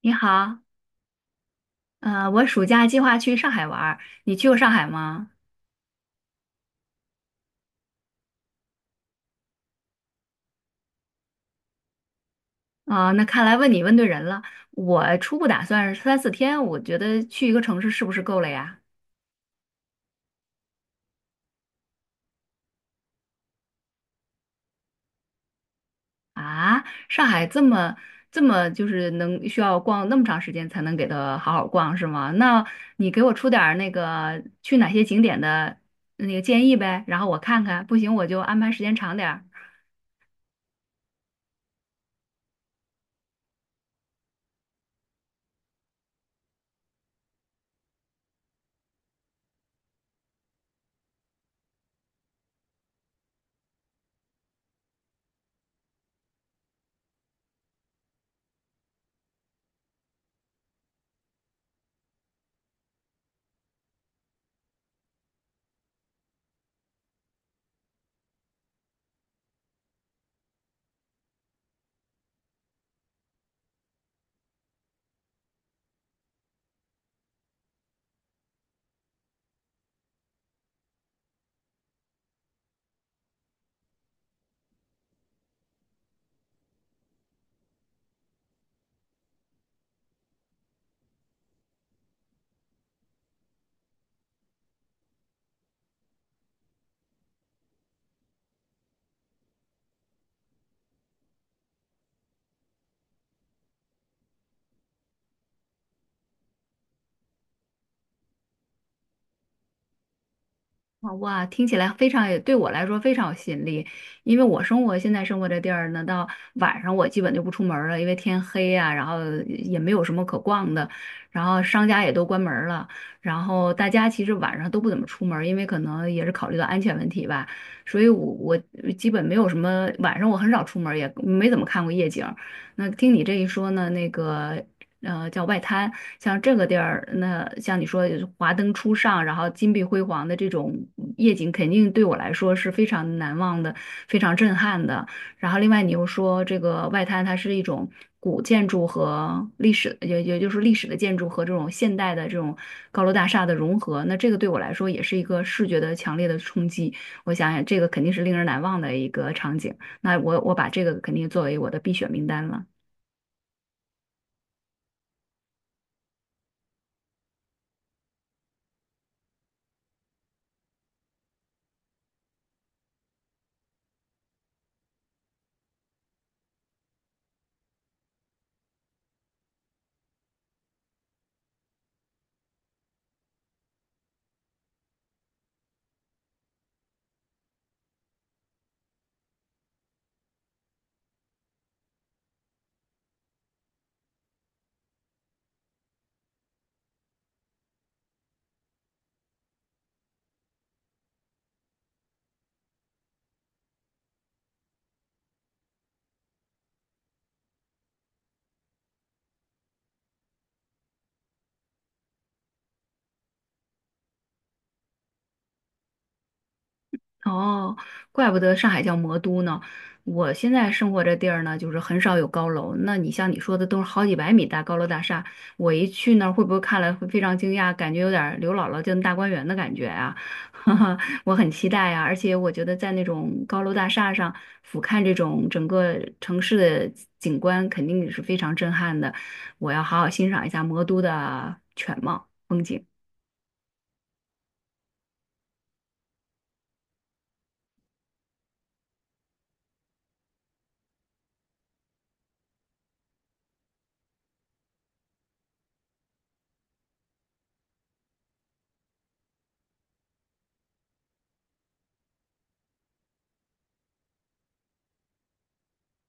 你好，我暑假计划去上海玩儿，你去过上海吗？啊、那看来问你问对人了。我初步打算是三四天，我觉得去一个城市是不是够了呀？啊，上海这么就是能需要逛那么长时间才能给它好好逛是吗？那你给我出点儿那个去哪些景点的那个建议呗，然后我看看，不行我就安排时间长点儿。好哇，听起来非常，也对我来说非常有吸引力，因为我现在生活这地儿呢，到晚上我基本就不出门儿了，因为天黑啊，然后也没有什么可逛的，然后商家也都关门儿了，然后大家其实晚上都不怎么出门儿因为可能也是考虑到安全问题吧，所以我基本没有什么晚上我很少出门儿也没怎么看过夜景儿。那听你这一说呢，那个叫外滩，像这个地儿，那像你说华灯初上，然后金碧辉煌的这种夜景，肯定对我来说是非常难忘的，非常震撼的。然后另外你又说这个外滩，它是一种古建筑和历史，也就是历史的建筑和这种现代的这种高楼大厦的融合，那这个对我来说也是一个视觉的强烈的冲击。我想想，这个肯定是令人难忘的一个场景。那我把这个肯定作为我的必选名单了。哦，怪不得上海叫魔都呢。我现在生活这地儿呢，就是很少有高楼。那你像你说的，都是好几百米大高楼大厦。我一去那儿，会不会看了会非常惊讶，感觉有点儿刘姥姥进大观园的感觉啊？哈哈，我很期待啊！而且我觉得在那种高楼大厦上俯瞰这种整个城市的景观，肯定也是非常震撼的。我要好好欣赏一下魔都的全貌风景。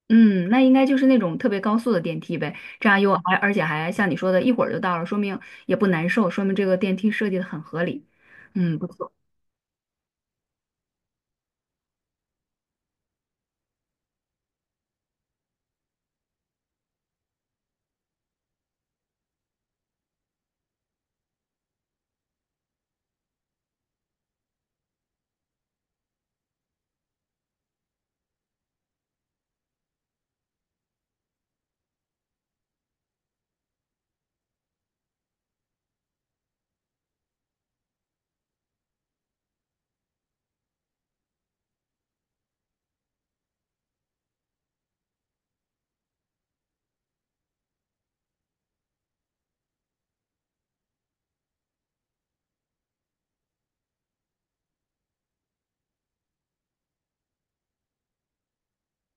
嗯，那应该就是那种特别高速的电梯呗，这样而且还像你说的，一会儿就到了，说明也不难受，说明这个电梯设计的很合理。嗯，不错。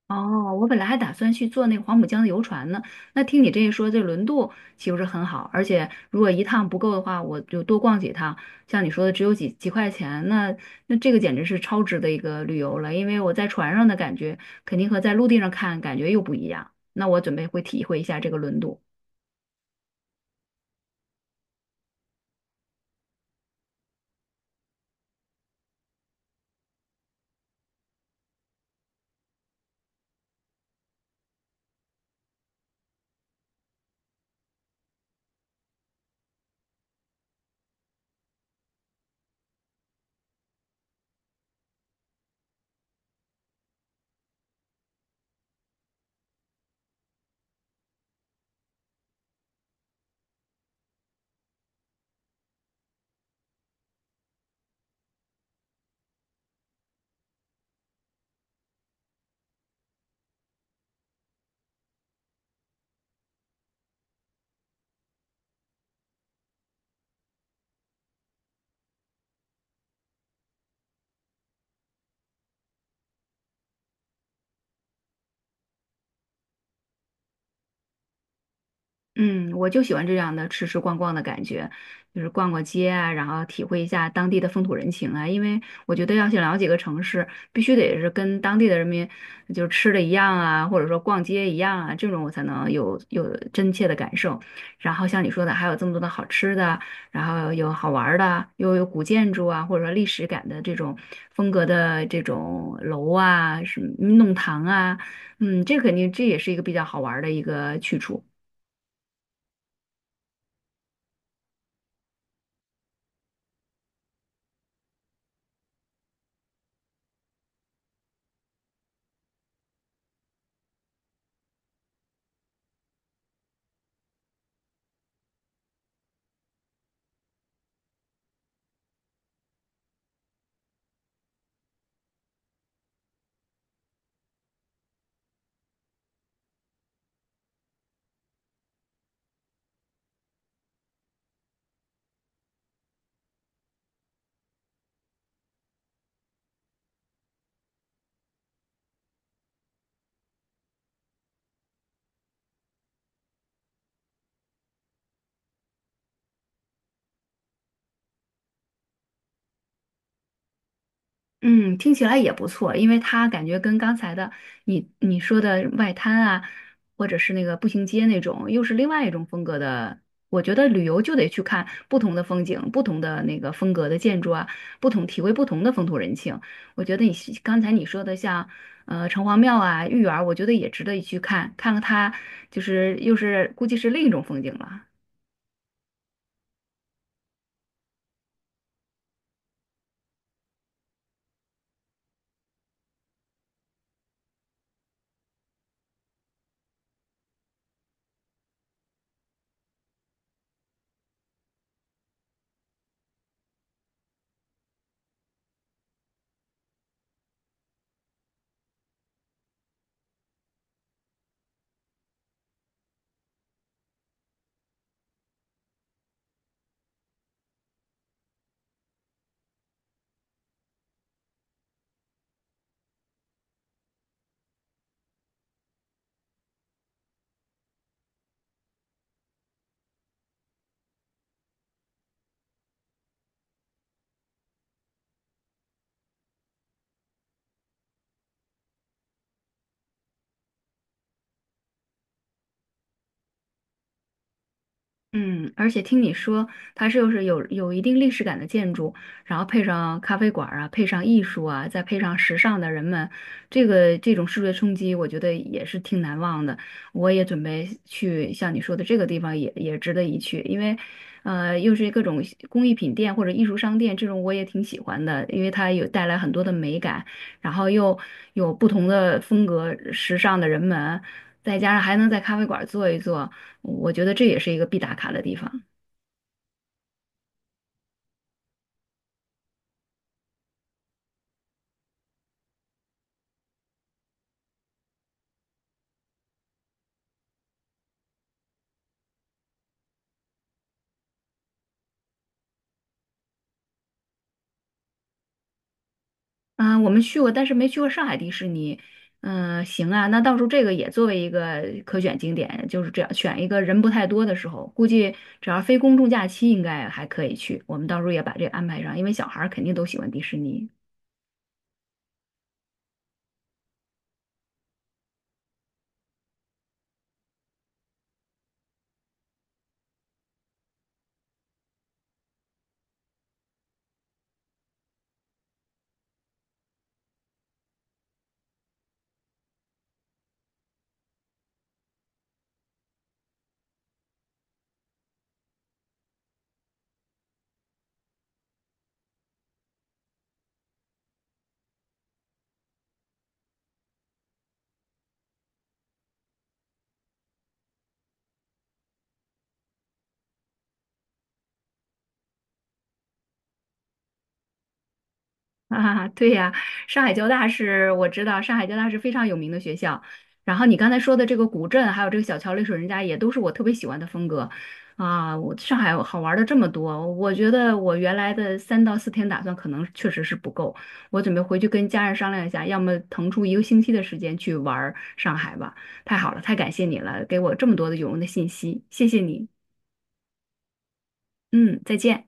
哦，我本来还打算去坐那个黄浦江的游船呢，那听你这一说，这轮渡岂不是很好？而且如果一趟不够的话，我就多逛几趟。像你说的，只有几块钱，那这个简直是超值的一个旅游了，因为我在船上的感觉肯定和在陆地上看感觉又不一样。那我准备会体会一下这个轮渡。嗯，我就喜欢这样的吃吃逛逛的感觉，就是逛逛街啊，然后体会一下当地的风土人情啊。因为我觉得要想了解一个城市，必须得是跟当地的人民就是吃的一样啊，或者说逛街一样啊，这种我才能有真切的感受。然后像你说的，还有这么多的好吃的，然后有好玩儿的，又有古建筑啊，或者说历史感的这种风格的这种楼啊，什么弄堂啊，嗯，这肯定这也是一个比较好玩儿的一个去处。嗯，听起来也不错，因为它感觉跟刚才的你说的外滩啊，或者是那个步行街那种，又是另外一种风格的。我觉得旅游就得去看不同的风景、不同的那个风格的建筑啊，不同体会不同的风土人情。我觉得你是刚才你说的像城隍庙啊、豫园儿我觉得也值得一去看，看看它就是又是估计是另一种风景了。嗯，而且听你说，它是又是有一定历史感的建筑，然后配上咖啡馆儿啊，配上艺术啊，再配上时尚的人们，这个这种视觉冲击，我觉得也是挺难忘的。我也准备去像你说的这个地方也，也值得一去，因为，又是各种工艺品店或者艺术商店，这种我也挺喜欢的，因为它有带来很多的美感，然后又有不同的风格、时尚的人们。再加上还能在咖啡馆坐一坐，我觉得这也是一个必打卡的地方。啊、我们去过，但是没去过上海迪士尼。嗯、行啊，那到时候这个也作为一个可选景点，就是这样选一个人不太多的时候，估计只要非公众假期，应该还可以去。我们到时候也把这个安排上，因为小孩儿肯定都喜欢迪士尼。啊，对呀，上海交大是我知道，上海交大是非常有名的学校。然后你刚才说的这个古镇，还有这个小桥流水人家，也都是我特别喜欢的风格啊。我上海好玩的这么多，我觉得我原来的3到4天打算可能确实是不够，我准备回去跟家人商量一下，要么腾出一个星期的时间去玩儿上海吧。太好了，太感谢你了，给我这么多的有用的信息，谢谢你。嗯，再见。